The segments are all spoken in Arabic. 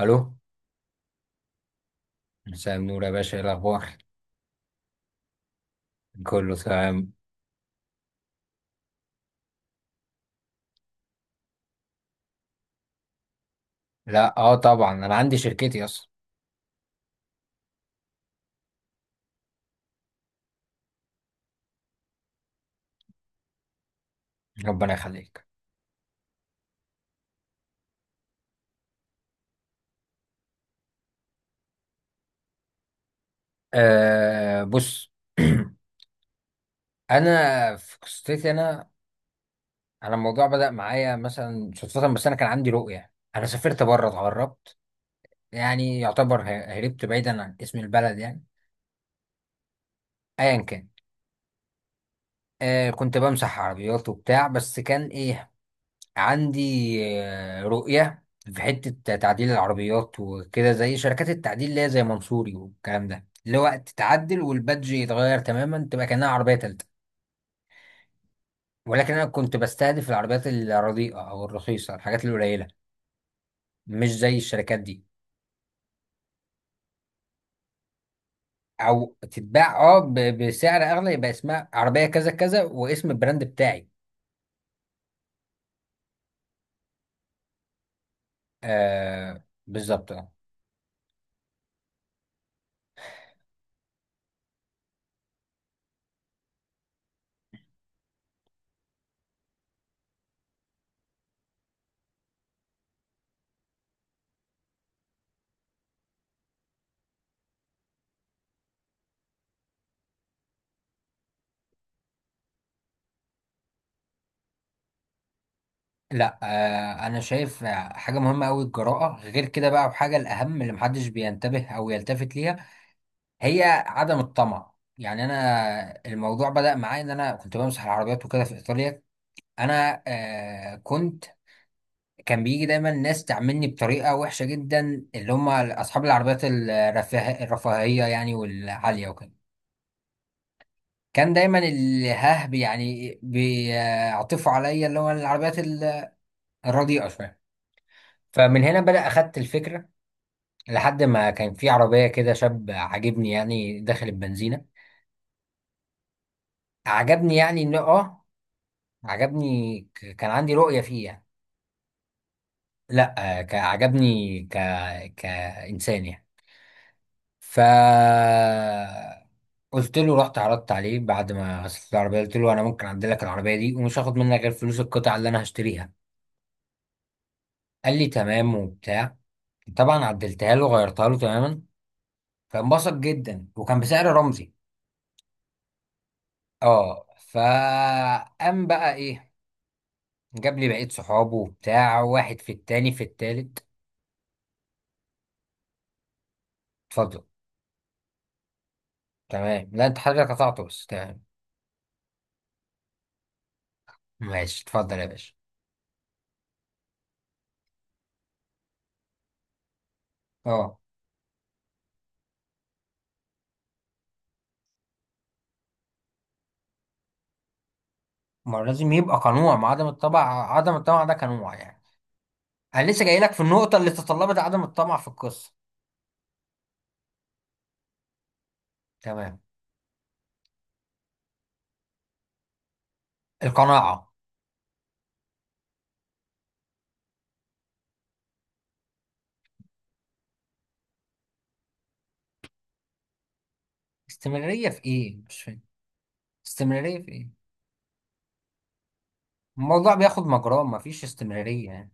الو، مساء النور يا باشا، ايه الاخبار؟ كله تمام. لا اه طبعا انا عندي شركتي اصلا. ربنا يخليك. آه بص. انا في قصتي انا الموضوع بدأ معايا مثلا صدفة، بس انا كان عندي رؤية. انا سافرت بره اتغربت، يعني يعتبر هربت بعيدا. عن اسم البلد يعني ايا كان. آه كنت بمسح عربيات وبتاع، بس كان ايه، عندي رؤية في حتة تعديل العربيات وكده، زي شركات التعديل اللي هي زي منصوري والكلام ده، اللي هو تتعدل والبادج يتغير تماما تبقى كأنها عربية تالتة. ولكن أنا كنت بستهدف العربيات الرديئة أو الرخيصة، الحاجات القليلة، مش زي الشركات دي. أو تتباع بسعر أغلى، يبقى اسمها عربية كذا كذا واسم البراند بتاعي. آه بالظبط. لا آه، انا شايف حاجه مهمه قوي الجراءه، غير كده بقى وحاجه الاهم اللي محدش بينتبه او يلتفت ليها، هي عدم الطمع. يعني انا الموضوع بدأ معايا ان انا كنت بمسح العربيات وكده في ايطاليا. انا آه كنت، كان بيجي دايما ناس تعاملني بطريقه وحشه جدا، اللي هم اصحاب العربيات الرفاهيه يعني والعاليه وكده. كان دايما الهه يعني بيعطفوا عليا، اللي هو العربيات الرديئه شويه. فمن هنا بدأ أخدت الفكرة. لحد ما كان في عربية كده شاب عاجبني يعني، داخل البنزينة. عجبني يعني انه اه، عجبني كان عندي رؤية فيه يعني. لا آه، كإنسان يعني. ف قلت له رحت عرضت عليه بعد ما غسلت العربية، قلت له انا ممكن اعدل لك العربية دي، ومش هاخد منك غير فلوس القطع اللي انا هشتريها. قال لي تمام وبتاع. طبعا عدلتها له، غيرتها له تماما. فانبسط جدا، وكان بسعر رمزي. اه، فقام بقى ايه، جاب لي بقية صحابه وبتاع، واحد في التاني في التالت. اتفضل. تمام، لا انت حضرتك قطعته، بس تمام. ماشي اتفضل يا باشا. اه ما هو لازم يبقى قنوع، ما عدم الطمع، عدم الطمع ده قنوع يعني. انا لسه جاي لك في النقطة، اللي تطلبت عدم الطمع في القصة. تمام. القناعة. استمرارية في ايه؟ مش فاهم. استمرارية في ايه؟ الموضوع بياخد مجراه، مفيش استمرارية يعني.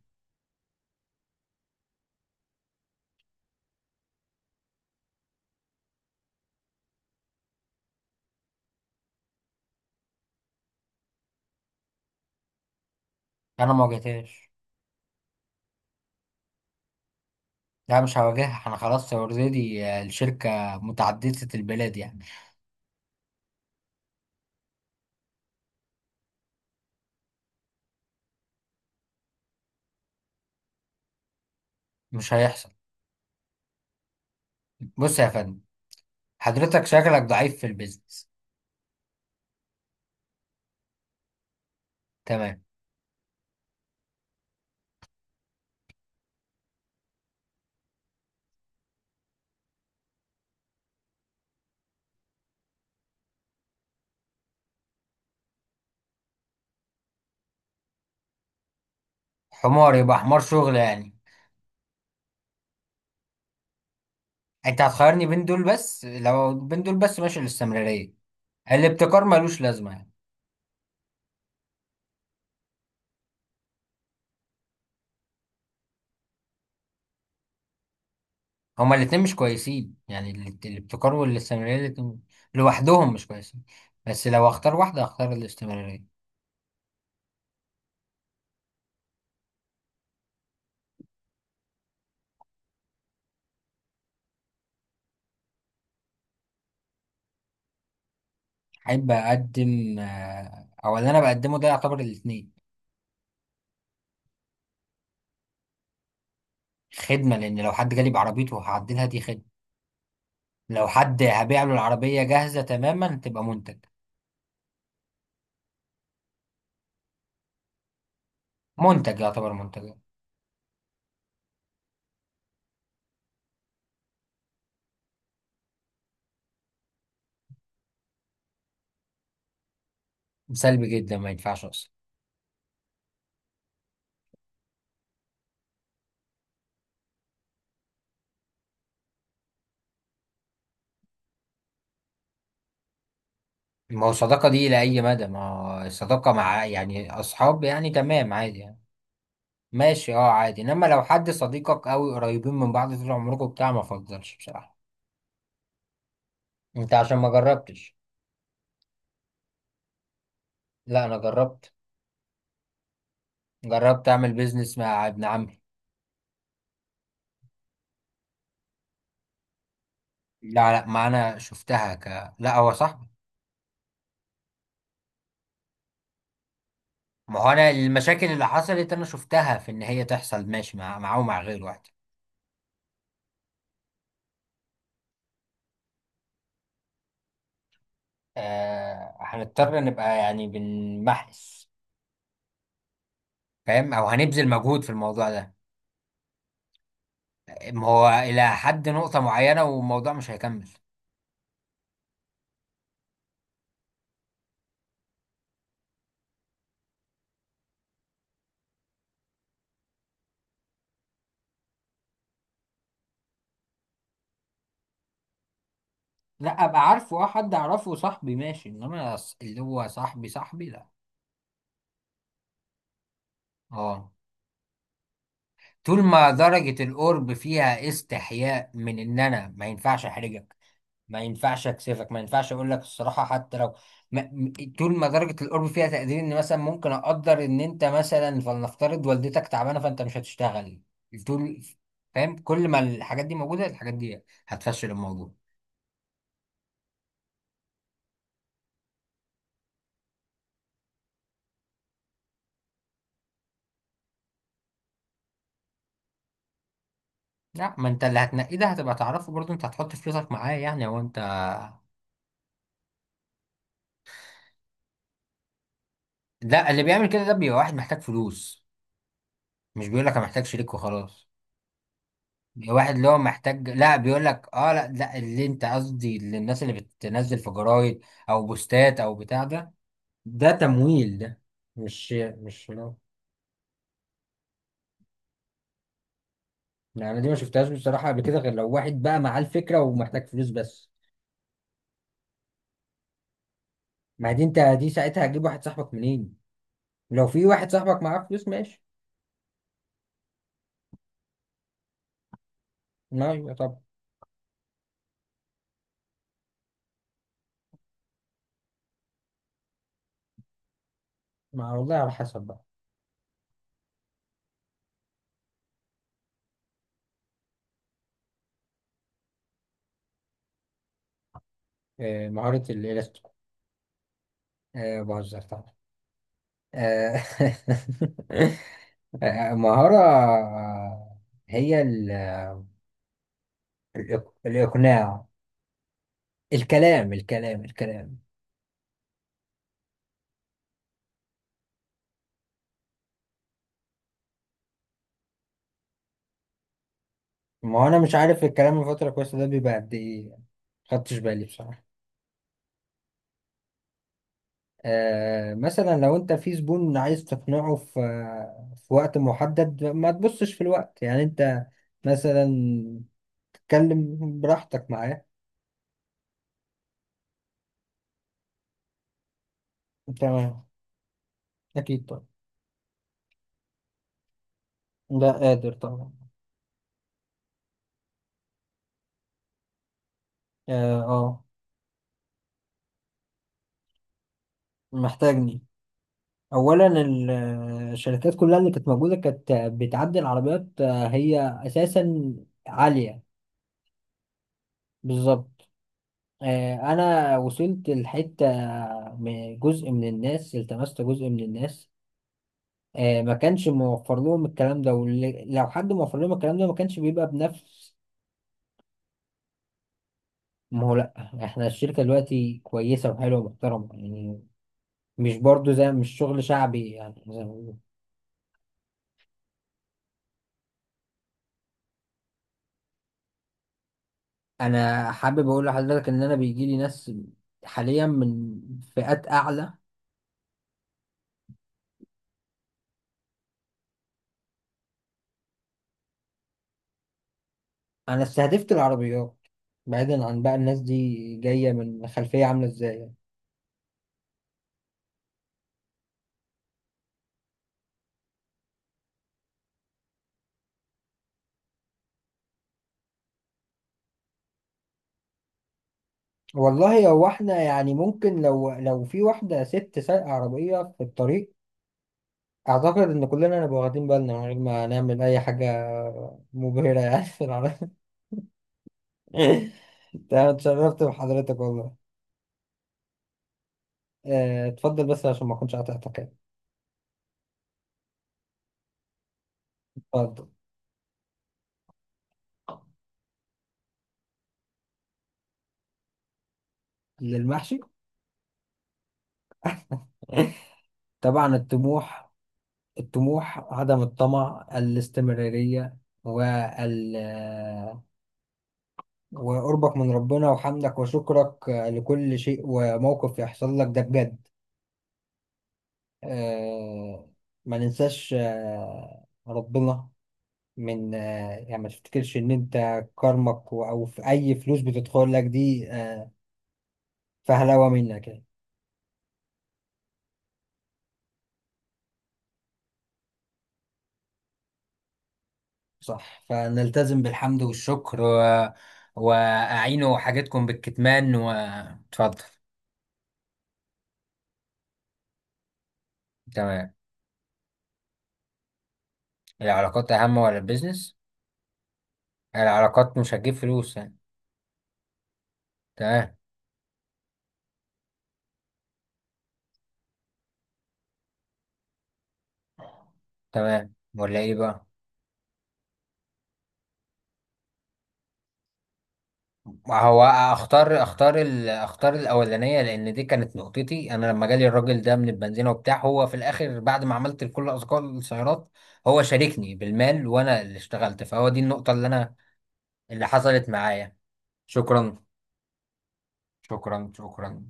انا ما واجهتهاش. لا مش هواجهها، انا خلاص اوريدي الشركة متعددة البلاد يعني. مش هيحصل. بص يا فندم، حضرتك شكلك ضعيف في البيزنس. تمام. حمار يبقى حمار شغل يعني. انت هتخيرني بين دول؟ بس لو بين دول بس، ماشي الاستمرارية. الابتكار ملوش لازمة يعني. هما الاتنين مش كويسين يعني، الابتكار والاستمرارية الاتنين لوحدهم مش كويسين. بس لو اختار واحدة، اختار الاستمرارية. احب اقدم آه، او اللي انا بقدمه ده يعتبر الاتنين. خدمة، لان لو حد جالي بعربيته هعدلها دي خدمة. لو حد هبيع له العربية جاهزة تماما تبقى منتج. منتج، يعتبر منتج. سلبي جدا، ما ينفعش اصلا. ما هو الصداقه دي لاي مدى؟ ما هو الصداقه مع يعني اصحاب يعني تمام عادي يعني. ماشي اه عادي، انما لو حد صديقك قوي، قريبين من بعض طول عمركم بتاع ما افضلش بصراحه. انت عشان ما جربتش. لا انا جربت، جربت اعمل بيزنس مع ابن عمي. لا ما انا شفتها ك لا هو صاحبي. ما هو انا المشاكل اللي حصلت انا شفتها في ان هي تحصل ماشي مع معاه ومع غيره واحد. آه هنضطر نبقى يعني بنمحس، فاهم؟ او هنبذل مجهود في الموضوع ده. ما هو إلى حد نقطة معينة والموضوع مش هيكمل. لا ابقى عارفه، اه حد اعرفه صاحبي ماشي، انما اللي هو صاحبي صاحبي لا. اه. طول ما درجة القرب فيها استحياء من ان انا ما ينفعش احرجك، ما ينفعش اكسفك، ما ينفعش اقول لك الصراحة، حتى لو ما... م- طول ما درجة القرب فيها تقدير ان مثلا ممكن اقدر ان انت مثلا، فلنفترض والدتك تعبانة فانت مش هتشتغل. طول فاهم؟ كل ما الحاجات دي موجودة، الحاجات دي هتفشل الموضوع. لا ما انت اللي هتنقيه ده هتبقى تعرفه برضه، انت هتحط فلوسك معاه يعني، هو انت. لا اللي بيعمل كده ده بيبقى واحد محتاج فلوس، مش بيقول لك انا محتاج شريك وخلاص. بيبقى واحد اللي هو محتاج، لا بيقول لك اه، لا اللي انت قصدي اللي الناس اللي بتنزل في جرايد او بوستات او بتاع ده، ده تمويل ده. مش لا. لا، انا دي ما شفتهاش بصراحة قبل كده، غير لو واحد بقى معاه الفكرة ومحتاج فلوس بس. ما دي انت دي ساعتها هتجيب واحد صاحبك منين؟ لو في واحد صاحبك معاه فلوس ماشي، ما يبقى طب. ما والله على حسب بقى. آه، مهارة الإلكترو، آه، بهزر طبعا. آه، آه، مهارة آه، هي الإقناع. الكلام الكلام. ما هو أنا مش عارف الكلام الفترة الكويسة ده بيبقى قد إيه، خدتش بالي بصراحة. آه، مثلا لو أنت في زبون عايز تقنعه في في وقت محدد، ما تبصش في الوقت يعني، أنت مثلا تتكلم براحتك معاه. تمام. أكيد طبعا. لا قادر طبعا. اه آه، محتاجني. اولا آه، الشركات كلها اللي كانت موجوده كانت بتعدل عربيات آه، هي اساسا عاليه. بالظبط. آه، انا وصلت لحته آه، جزء من الناس، التمست جزء من الناس آه، ما كانش موفر لهم الكلام ده، ولو حد موفر لهم الكلام ده ما كانش بيبقى بنفس. ما هو لا، احنا الشركه دلوقتي كويسه وحلوه ومحترمه يعني، مش برضو زي مش شغل شعبي يعني. انا حابب اقول لحضرتك ان انا بيجي لي ناس حاليا من فئات اعلى. انا استهدفت العربيات، بعيدا عن بقى الناس دي جايه من خلفيه عامله ازاي. والله هو احنا يعني ممكن لو لو في واحده ست سايقه عربيه في الطريق، اعتقد ان كلنا نبقى واخدين بالنا من غير ما نعمل اي حاجه مبهره يعني في العربيه. تمام، اتشرفت بحضرتك والله. آه، اتفضل بس عشان ما اكونش قاطعتك يعني. اتفضل. للمحشي. طبعا الطموح. الطموح، عدم الطمع، الاستمرارية، وال وقربك من ربنا وحمدك وشكرك لكل شيء وموقف يحصل لك، ده بجد. آه، ما ننساش آه، ربنا، من آه، يعني ما تفتكرش ان انت كرمك او في اي فلوس بتدخل لك دي آه، فهلوة منك يعني. صح، فنلتزم بالحمد والشكر و... وأعينوا حاجتكم بالكتمان واتفضل. تمام. العلاقات أهم ولا البيزنس؟ العلاقات مش هتجيب فلوس يعني. تمام. تمام ولا إيه بقى؟ هو أختار، أختار أختار الأولانية، لأن دي كانت نقطتي أنا لما جالي الراجل ده من البنزينة وبتاع، هو في الآخر بعد ما عملت كل أذكار السيارات، هو شاركني بالمال وأنا اللي اشتغلت، فهو دي النقطة اللي أنا اللي حصلت معايا. شكرا شكرا شكرا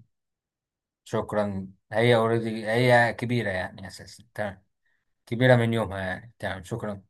شكرا. هي اوريدي هي كبيرة يعني أساسا، تمام. كبيرة من يومها يعني، تمام شكرا.